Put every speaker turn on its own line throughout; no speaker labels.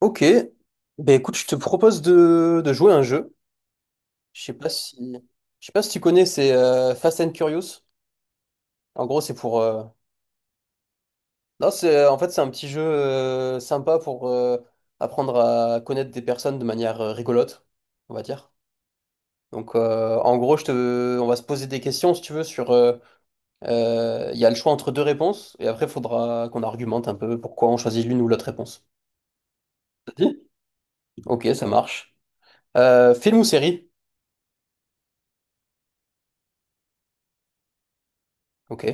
Ok, ben écoute, je te propose de jouer à un jeu. Je sais pas si, je sais pas si tu connais, c'est Fast and Curious. En gros, c'est pour, non, c'est en fait c'est un petit jeu sympa pour apprendre à connaître des personnes de manière rigolote, on va dire. Donc en gros, on va se poser des questions si tu veux sur, il y a le choix entre deux réponses et après il faudra qu'on argumente un peu pourquoi on choisit l'une ou l'autre réponse. Ça te dit? Ok, ça marche. Film ou série? Ok,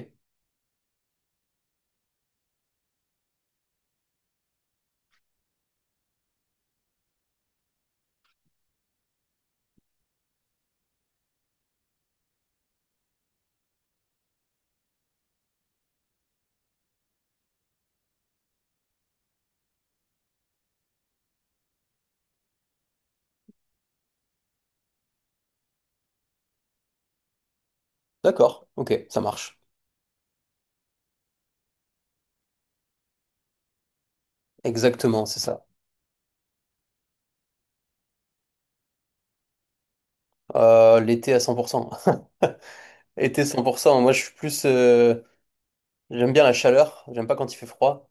d'accord, ok, ça marche. Exactement, c'est ça. L'été à 100%. Été 100%, moi je suis plus... j'aime bien la chaleur, j'aime pas quand il fait froid.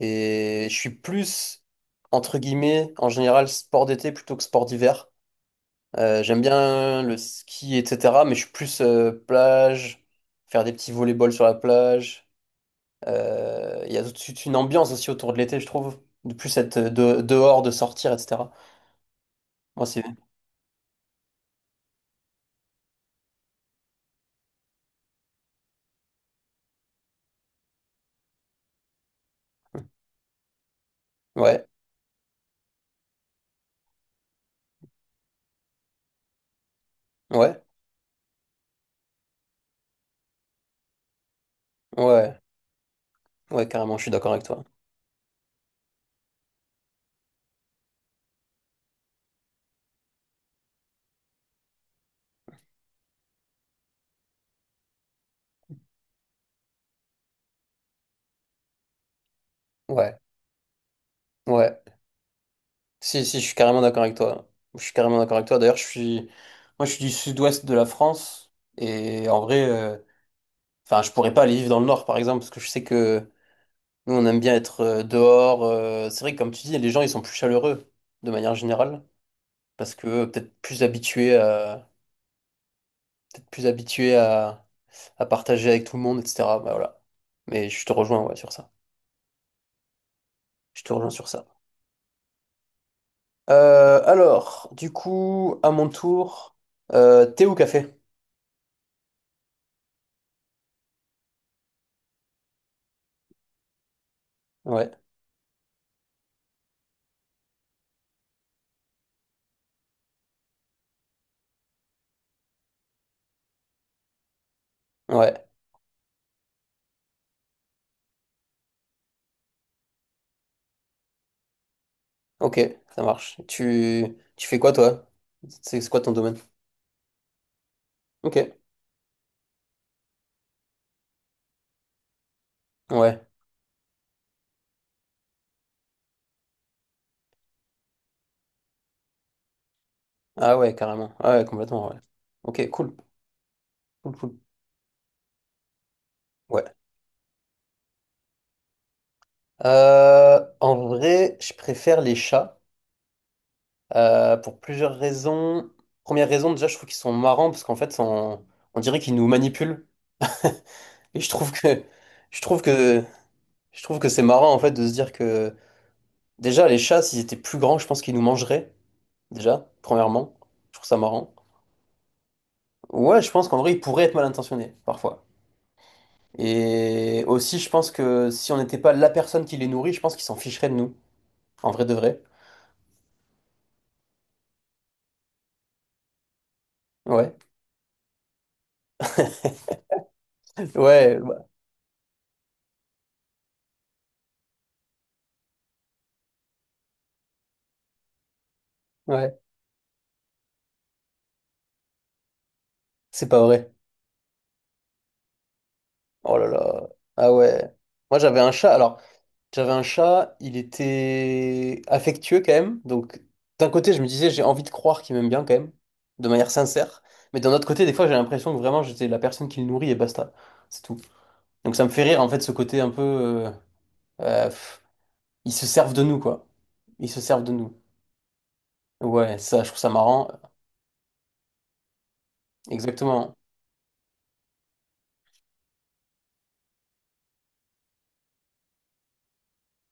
Et entre guillemets, en général, sport d'été plutôt que sport d'hiver. J'aime bien le ski, etc. Mais je suis plus plage, faire des petits volley-ball sur la plage. Il y a tout de suite une ambiance aussi autour de l'été, je trouve. De plus être dehors, de sortir, etc. Moi c'est... Ouais, ouais, ouais, ouais, carrément, je suis d'accord avec toi. Ouais. Ouais. Si, si, je suis carrément d'accord avec toi. Je suis carrément d'accord avec toi. Moi, je suis du sud-ouest de la France. Et en vrai, enfin, je pourrais pas aller vivre dans le nord, par exemple, parce que je sais que nous, on aime bien être dehors. C'est vrai que, comme tu dis, les gens, ils sont plus chaleureux, de manière générale, parce que peut-être plus habitués à partager avec tout le monde, etc. Bah, voilà. Mais je te rejoins, ouais, sur ça. Je te rejoins sur ça. Alors, du coup, à mon tour, thé ou café? Ouais, ouais. Ok, ça marche. Tu fais quoi toi? C'est quoi ton domaine? Ok, ouais. Ah ouais, carrément. Ah ouais, complètement, ouais. Ok, cool, cool. Ouais. En vrai, je préfère les chats pour plusieurs raisons. Première raison, déjà, je trouve qu'ils sont marrants parce qu'en fait, on dirait qu'ils nous manipulent. Et je trouve que, je trouve que c'est marrant en fait de se dire que déjà les chats, s'ils étaient plus grands, je pense qu'ils nous mangeraient déjà. Premièrement, je trouve ça marrant. Ouais, je pense qu'en vrai, ils pourraient être mal intentionnés, parfois. Et aussi, je pense que si on n'était pas la personne qui les nourrit, je pense qu'ils s'en ficheraient de nous. En vrai de vrai. Ouais. Ouais, bah, ouais. C'est pas vrai. Oh là là. Ah ouais. Moi, j'avais un chat. J'avais un chat, il était affectueux quand même. Donc, d'un côté, je me disais, j'ai envie de croire qu'il m'aime bien quand même, de manière sincère. Mais d'un autre côté, des fois, j'ai l'impression que vraiment, j'étais la personne qui le nourrit et basta. C'est tout. Donc, ça me fait rire, en fait, ce côté un peu. Euh, ils se servent de nous, quoi. Ils se servent de nous. Ouais, ça, je trouve ça marrant. Exactement.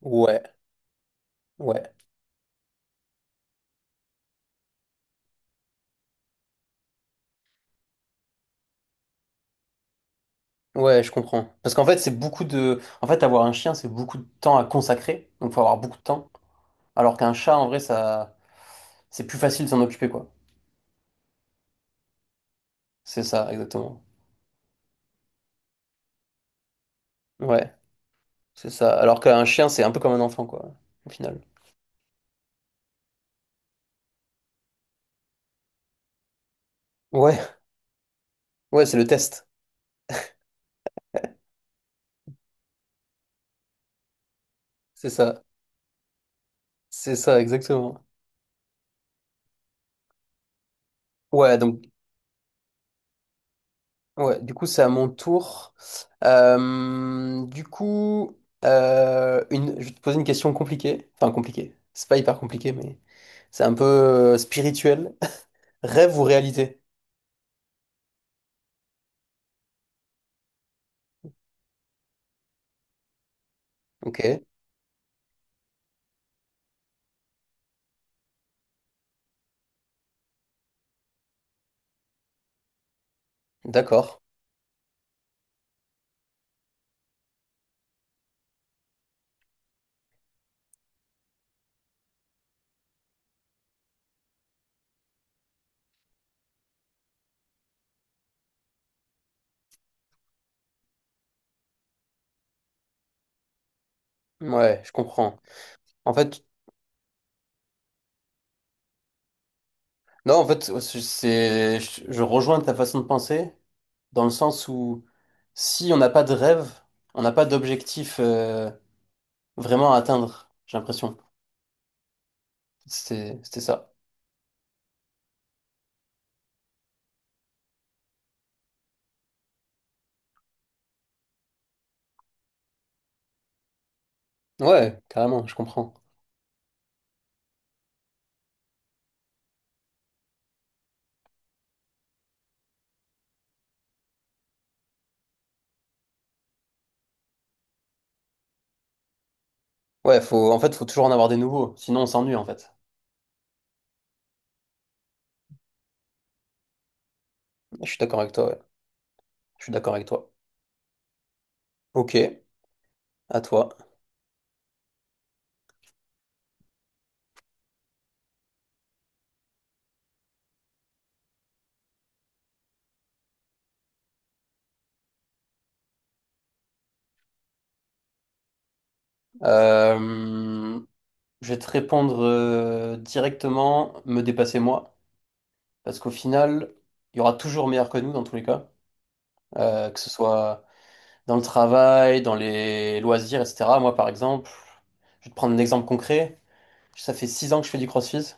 Ouais, ouais, ouais, je comprends. Parce qu'en fait, c'est beaucoup de... En fait, avoir un chien, c'est beaucoup de temps à consacrer. Donc, faut avoir beaucoup de temps. Alors qu'un chat, en vrai, ça... C'est plus facile de s'en occuper, quoi. C'est ça, exactement. Ouais, c'est ça. Alors qu'un chien, c'est un peu comme un enfant, quoi, au final. Ouais, ouais, c'est le test. C'est ça. C'est ça, exactement. Ouais, donc... Ouais, du coup, c'est à mon tour. Du coup, je vais te poser une question compliquée. Enfin, compliquée. C'est pas hyper compliqué, mais c'est un peu spirituel. Rêve ou réalité? Ok, d'accord. Ouais, je comprends. En fait, non, en fait, ouais, je rejoins ta façon de penser dans le sens où si on n'a pas de rêve, on n'a pas d'objectif vraiment à atteindre, j'ai l'impression. C'était ça. Ouais, carrément, je comprends. Ouais, faut toujours en avoir des nouveaux, sinon on s'ennuie en fait. Je suis d'accord avec toi, ouais. Je suis d'accord avec toi. Ok, à toi. Euh, je vais te répondre directement, me dépasser moi, parce qu'au final, il y aura toujours meilleur que nous dans tous les cas. Que ce soit dans le travail, dans les loisirs, etc. Moi, par exemple, je vais te prendre un exemple concret. Ça fait 6 ans que je fais du CrossFit.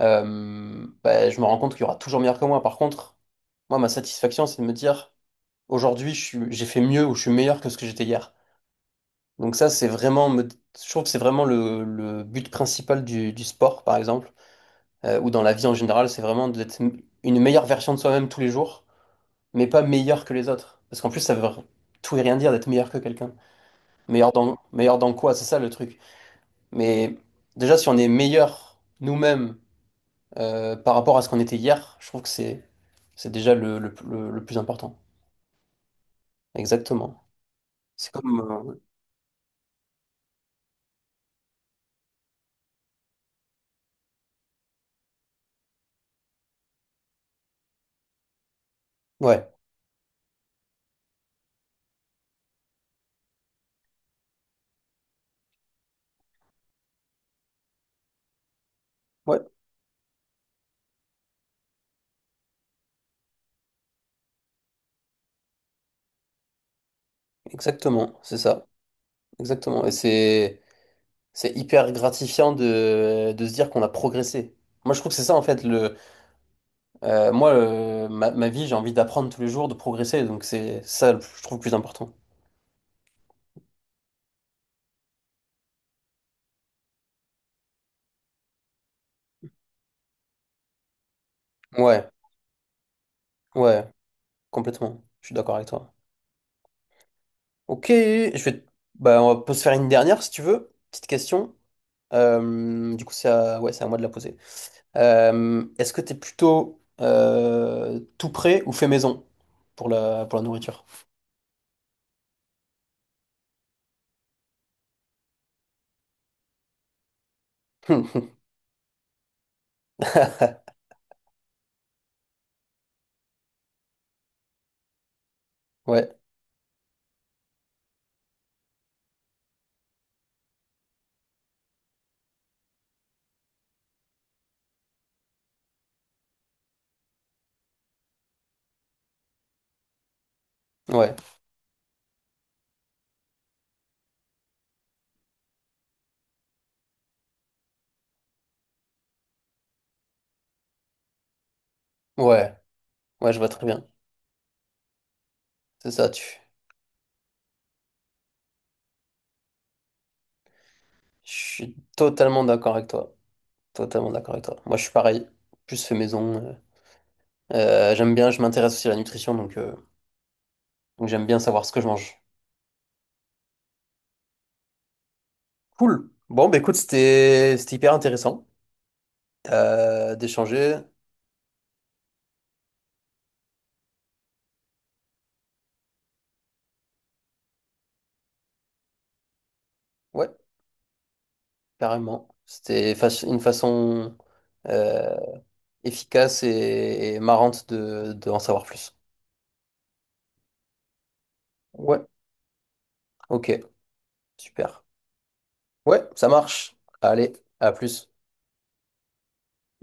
Bah, je me rends compte qu'il y aura toujours meilleur que moi. Par contre, moi, ma satisfaction, c'est de me dire: aujourd'hui, j'ai fait mieux ou je suis meilleur que ce que j'étais hier. Donc ça, je trouve que c'est vraiment le but principal du sport, par exemple, ou dans la vie en général, c'est vraiment d'être une meilleure version de soi-même tous les jours, mais pas meilleur que les autres. Parce qu'en plus, ça veut tout et rien dire d'être meilleur que quelqu'un. Meilleur dans quoi? C'est ça le truc. Mais déjà, si on est meilleur nous-mêmes par rapport à ce qu'on était hier, je trouve que c'est déjà le plus important. Exactement. C'est comme... ouais. Ouais. Exactement, c'est ça. Exactement. Et c'est hyper gratifiant de se dire qu'on a progressé. Moi, je trouve que c'est ça, en fait, ma vie, j'ai envie d'apprendre tous les jours, de progresser. Donc, c'est ça, je trouve, le plus important. Ouais, ouais, complètement. Je suis d'accord avec toi. Ok, bah, on peut se faire une dernière, si tu veux. Petite question. Du coup, c'est à moi de la poser. Est-ce que t'es plutôt tout prêt ou fait maison pour pour la nourriture? Ouais. Ouais, ouais, ouais, je vois très bien. C'est ça, tu. Je suis totalement d'accord avec toi. Totalement d'accord avec toi. Moi, je suis pareil. Plus fait maison. J'aime bien, je m'intéresse aussi à la nutrition, donc j'aime bien savoir ce que je mange. Cool. Bon, bah écoute, c'était hyper intéressant d'échanger. Ouais, carrément. C'était une façon euh, efficace et marrante de en savoir plus. Ouais, ok, super. Ouais, ça marche. Allez, à plus.